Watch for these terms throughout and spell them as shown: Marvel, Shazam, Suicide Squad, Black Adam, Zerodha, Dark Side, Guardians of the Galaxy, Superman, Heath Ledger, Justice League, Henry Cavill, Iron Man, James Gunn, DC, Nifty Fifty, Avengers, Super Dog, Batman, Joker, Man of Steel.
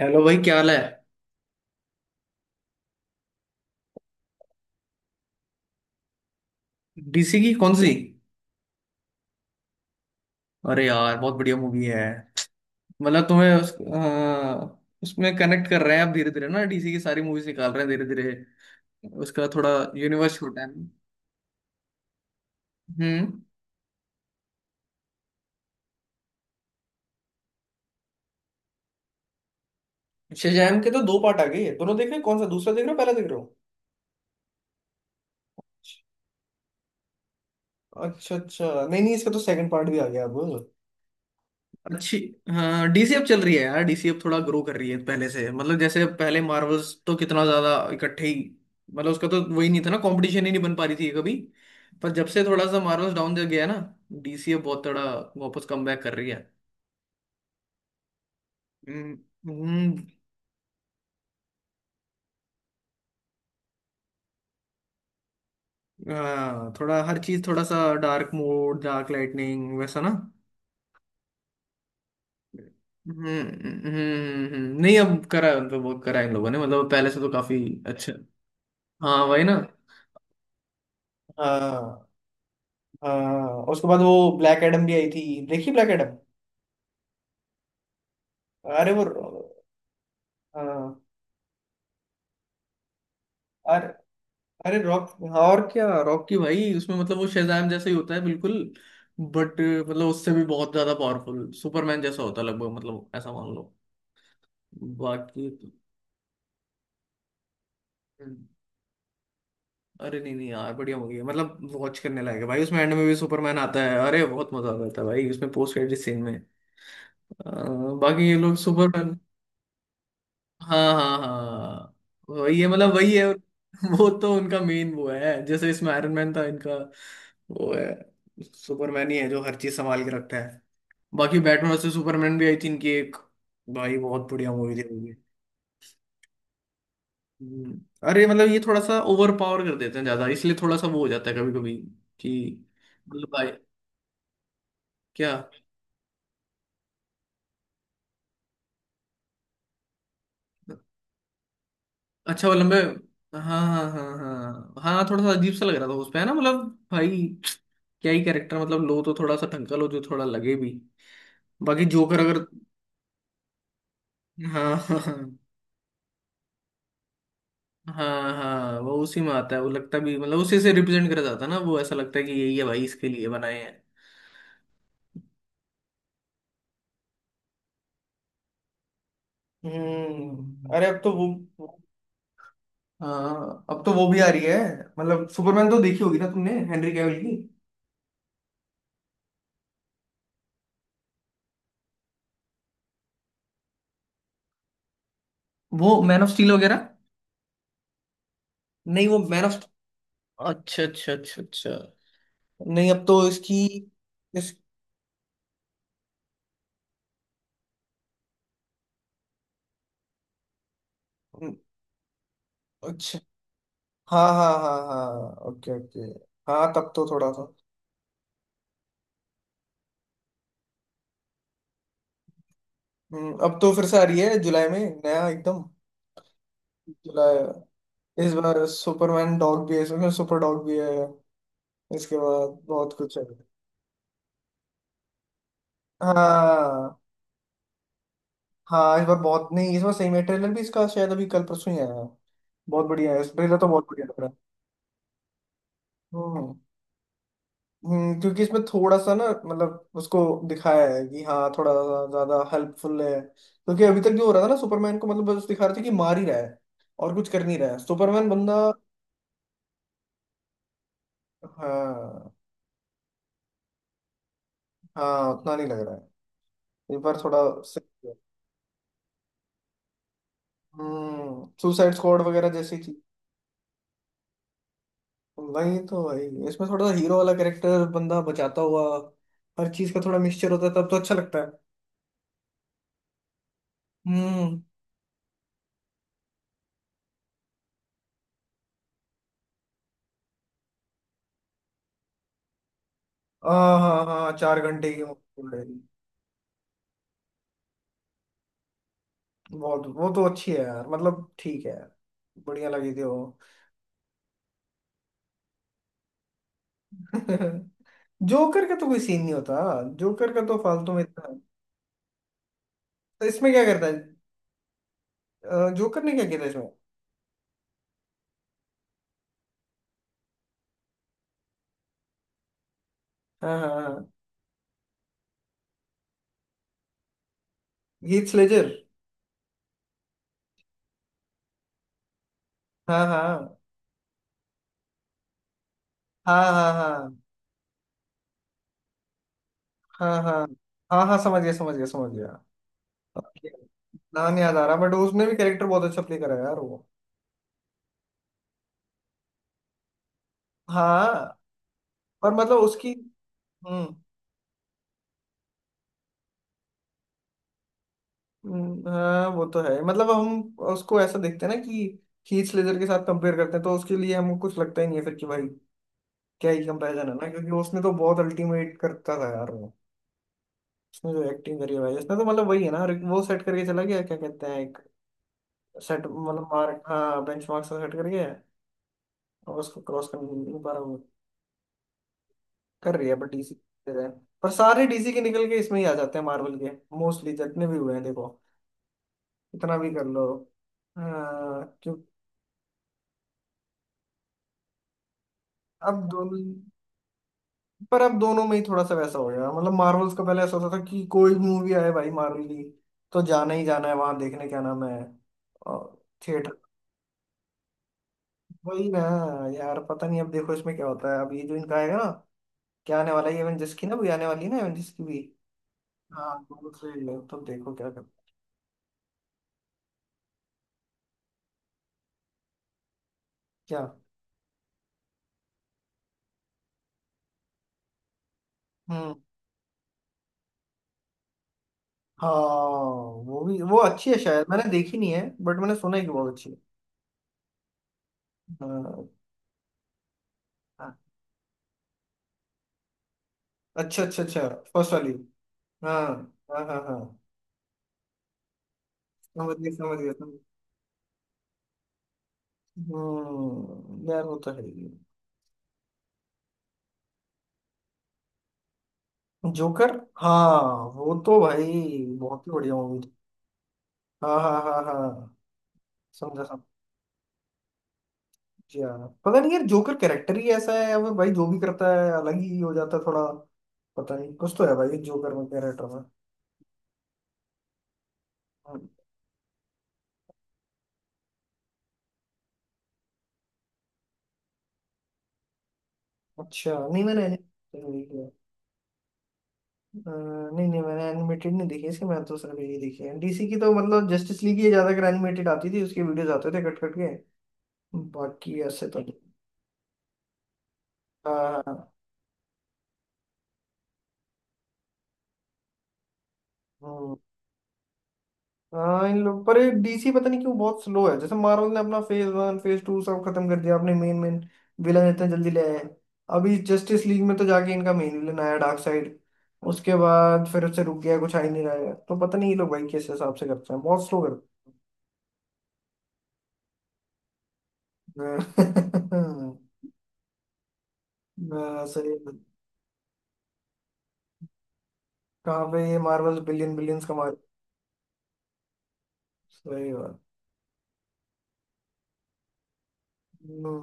Hello भाई, क्या हाल है। डीसी की कौन सी? अरे यार, बहुत बढ़िया मूवी है। मतलब तुम्हें उसमें कनेक्ट कर रहे हैं आप धीरे धीरे ना, डीसी की सारी मूवीज निकाल रहे हैं धीरे धीरे। उसका थोड़ा यूनिवर्स छोटा है। हम्म। शज़ाम के तो दो पार्ट आ गए, दोनों देख रहे हैं? कौन सा, दूसरा देख रहे हो पहला देख रहे हो? अच्छा अच्छा, नहीं नहीं, इसका तो सेकंड पार्ट भी आ गया अब। अच्छी। हाँ, डीसीएफ चल रही है यार, डीसीएफ थोड़ा ग्रो कर रही है पहले से। मतलब जैसे पहले मार्वल्स तो कितना ज्यादा इकट्ठे ही, मतलब उसका तो वही नहीं था ना, कंपटीशन ही नहीं बन पा रही थी कभी। पर जब से थोड़ा सा मार्वल्स डाउन दे गया ना, डीसीएफ बहुत थोड़ा वापस कमबैक कर रही है। हम्म। हम्म। हाँ, थोड़ा हर चीज थोड़ा सा डार्क मोड, डार्क लाइटनिंग वैसा ना। नहीं, अब करा है उन पे, बहुत करा है इन लोगों ने, मतलब पहले से तो काफी। अच्छा। हाँ वही ना। हाँ हाँ, और उसके बाद वो ब्लैक एडम भी आई थी, देखी ब्लैक एडम? अरे वो, हाँ। अरे, अरे रॉक, हाँ। और क्या, रॉक की भाई उसमें, मतलब वो शेज़ाम जैसा ही होता है बिल्कुल, बट मतलब उससे भी बहुत ज्यादा पावरफुल, सुपरमैन जैसा होता है लगभग, मतलब ऐसा मान लो। बाकी तो, हम्म। अरे नहीं नहीं यार, बढ़िया मूवी है, मतलब वॉच करने लायक है भाई। उसमें एंड में भी सुपरमैन आता है, अरे बहुत मजा आता है भाई उसमें पोस्ट क्रेडिट सीन में। अ, बाकी ये लोग सुपरमैन, हाँ हाँ हाँ, वही है मतलब वही है वो तो उनका मेन वो है, जैसे इसमें आयरन मैन था इनका। वो है सुपरमैन ही है, जो हर चीज संभाल के रखता है। बाकी बैटमैन वर्सेस सुपरमैन भी आई थी इनकी एक, भाई बहुत बढ़िया मूवी थी वो भी। हम्म। अरे मतलब ये थोड़ा सा ओवर पावर कर देते हैं ज्यादा, इसलिए थोड़ा सा वो हो जाता है कभी कभी कि, मतलब भाई, क्या, अच्छा वो लंबे, हाँ हाँ हाँ हाँ हाँ, थोड़ा सा अजीब सा लग रहा था उस पे, है ना मतलब। भाई क्या ही कैरेक्टर, मतलब लो तो थोड़ा सा टंकल हो जो थोड़ा लगे भी। बाकी जोकर अगर, हाँ हाँ हाँ हाँ, हाँ, वो उसी में आता है, वो लगता भी, मतलब उसी से रिप्रेजेंट करा जाता है ना, वो ऐसा लगता है कि यही है भाई इसके लिए बनाए हैं। हम्म, अरे अब तो वो, वो- हाँ अब तो वो भी आ रही है, मतलब सुपरमैन तो देखी होगी ना तुमने, हेनरी कैविल की वो मैन ऑफ स्टील वगैरह, नहीं वो मैन ऑफ, अच्छा अच्छा अच्छा अच्छा। नहीं अब तो इसकी, इस, अच्छा, हाँ हाँ हाँ हाँ, ओके ओके। हाँ तब तो थोड़ा सा, अब तो फिर से आ रही है जुलाई में, नया एकदम। जुलाई, इस बार सुपरमैन डॉग भी है, इसमें सुपर डॉग भी है, इसके बाद बहुत कुछ है। हाँ, हाँ इस बार बहुत, नहीं इस बार सही में ट्रेलर भी इसका शायद अभी कल परसों ही आया है, बहुत बढ़िया है ट्रेलर, तो बहुत बढ़िया लग रहा है। हम्म। क्योंकि इसमें थोड़ा सा ना मतलब उसको दिखाया है कि हाँ थोड़ा सा ज्यादा हेल्पफुल है, क्योंकि अभी तक जो हो रहा था ना, सुपरमैन को मतलब बस दिखा रहे थे कि मार ही रहा है और कुछ कर नहीं रहा है सुपरमैन बंदा। हाँ, हाँ उतना नहीं लग रहा है, इस बार थोड़ा, सही है। हम्म, सुसाइड स्क्वाड वगैरह जैसी चीज, वही तो भाई, इसमें थोड़ा सा हीरो वाला कैरेक्टर, बंदा बचाता हुआ, हर चीज का थोड़ा मिक्सचर होता है तब तो अच्छा लगता है। हम्म। हाँ हाँ हाँ, चार घंटे की मूवी। वो तो अच्छी है यार, मतलब ठीक है यार, बढ़िया लगी थी वो। जोकर का तो कोई सीन नहीं होता, जोकर का तो फालतू में इतना, तो इसमें क्या करता है, जोकर ने क्या किया था इसमें? हाँ हाँ हाँ, हीथ लेजर, हाँ हाँ हाँ हाँ, हाँ हाँ हाँ हाँ, हाँ समझ गया समझ गया समझ गया। Okay. नाम याद आ रहा, बट उसने भी कैरेक्टर बहुत अच्छा प्ले करा है यार वो। हाँ, पर मतलब उसकी, हम्म। हाँ वो तो है, मतलब हम उसको ऐसा देखते हैं ना कि, हीथ लेजर के साथ कंपेयर करते हैं तो उसके लिए हमको कुछ लगता ही नहीं है फिर कि भाई क्या ही कंपैरिजन है ना, क्योंकि उसने तो बहुत अल्टीमेट करता था यार वो। उसने जो एक्टिंग करी है भाई, उसने तो मतलब वही है ना, वो सेट करके चला गया, क्या कहते हैं, एक सेट, मतलब मार्क, हाँ बेंच मार्क सेट कर गया, और उसको क्रॉस कर नहीं पा रहा वो, कर रही है पर डीसी। पर सारे डीसी के निकल के इसमें ही आ जाते हैं मार्वल के, मोस्टली जितने भी हुए हैं देखो, इतना भी कर लो। हाँ क्यों। अब दोनों, पर अब दोनों में ही थोड़ा सा वैसा हो गया। मतलब मार्वल्स का पहले ऐसा होता था कि कोई भी मूवी आए भाई मार्वल की, तो जाना ही जाना है वहां देखने, क्या नाम है, थिएटर। वही ना। यार पता नहीं अब देखो इसमें क्या होता है, अब ये जो इनका आएगा ना, क्या आने वाला है एवेंजर्स की, ना भी आने वाली है ना एवेंजर्स की भी। हाँ, दोनों trailer है, तो देखो क्या कर, क्या। हम्म। हाँ वो भी, वो अच्छी है शायद, मैंने देखी नहीं है बट मैंने सुना है कि बहुत अच्छी है। हाँ। हाँ। अच्छा अच्छा अच्छा, फर्स्ट वाली, हाँ, हाँ हाँ हाँ समझ गया समझ गया समझ। यार वो तो है ही। जोकर, हाँ, वो तो भाई बहुत ही बढ़िया मूवी थी। हाँ हाँ हाँ हाँ, समझा, समझा। पता नहीं यार, जोकर कैरेक्टर ही ऐसा है वो भाई, जो भी करता है अलग ही हो जाता है थोड़ा, पता नहीं कुछ तो है भाई जोकर में, कैरेक्टर में। हम्म, अच्छा नहीं मैंने animated नहीं देखी है। नहीं नहीं मैंने एनिमेटेड नहीं देखी इसकी, मैं तो सिर्फ यही देखी है डीसी की, तो मतलब जस्टिस लीग ही ज्यादातर एनिमेटेड आती थी, उसके वीडियोस आते थे कट कट के, बाकी ऐसे तो नहीं। हाँ हाँ, हाँ, हम्म। हाँ इन लोग, पर डीसी पता नहीं क्यों बहुत स्लो है, जैसे मार्वल ने अपना फेज वन फेज टू सब खत्म कर दिया, अपने मेन मेन विलन इतने जल्दी ले आए हैं। अभी जस्टिस लीग में तो जाके इनका मेन विलन आया डार्क साइड, उसके बाद फिर उससे रुक गया, कुछ आ ही नहीं रहा है, तो पता नहीं ये लोग भाई किस हिसाब से करते हैं, बहुत स्लो करते हैं। हाँ, सही बात। कहाँ पे ये मार्वल बिलियन बिलियंस कमा रही, सही बात। हम्म,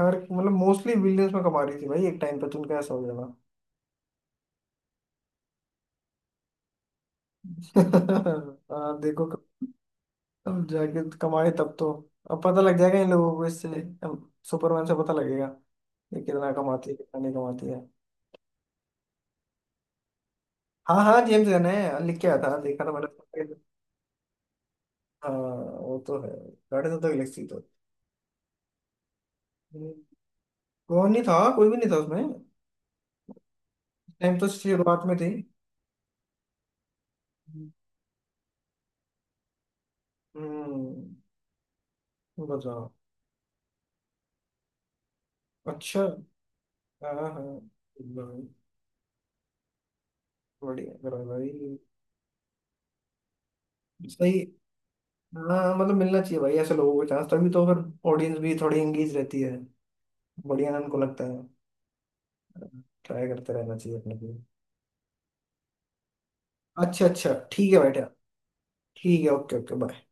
हर मतलब मोस्टली बिलियंस में कमा रही थी भाई, एक टाइम पे तो उनका ऐसा हो जाएगा। हाँ, देखो, अब जाके कमाए तब तो, अब पता लग जाएगा इन लोगों को इससे, अब सुपरमैन से पता लगेगा ये कितना कमाती है कितना नहीं कमाती है। हाँ हाँ, जेम्स गन है, लिख के आया था देखा था मैंने। हाँ वो तो है, गार्डियंस ऑफ द गैलेक्सी तो। हम्म, कौन नहीं था, कोई भी नहीं था उसमें। टाइम तो शुरुआत में थी। हम्म। बताओ। अच्छा, हाँ हाँ। भाई, बढ़िया करो भाई। सही। हाँ मतलब मिलना चाहिए भाई ऐसे लोगों को चांस, तभी तो फिर ऑडियंस भी थोड़ी एंगेज रहती है, बढ़िया उनको लगता है, ट्राई करते रहना चाहिए अपने को। अच्छा अच्छा ठीक है बेटा। ठीक है, ओके ओके, बाय।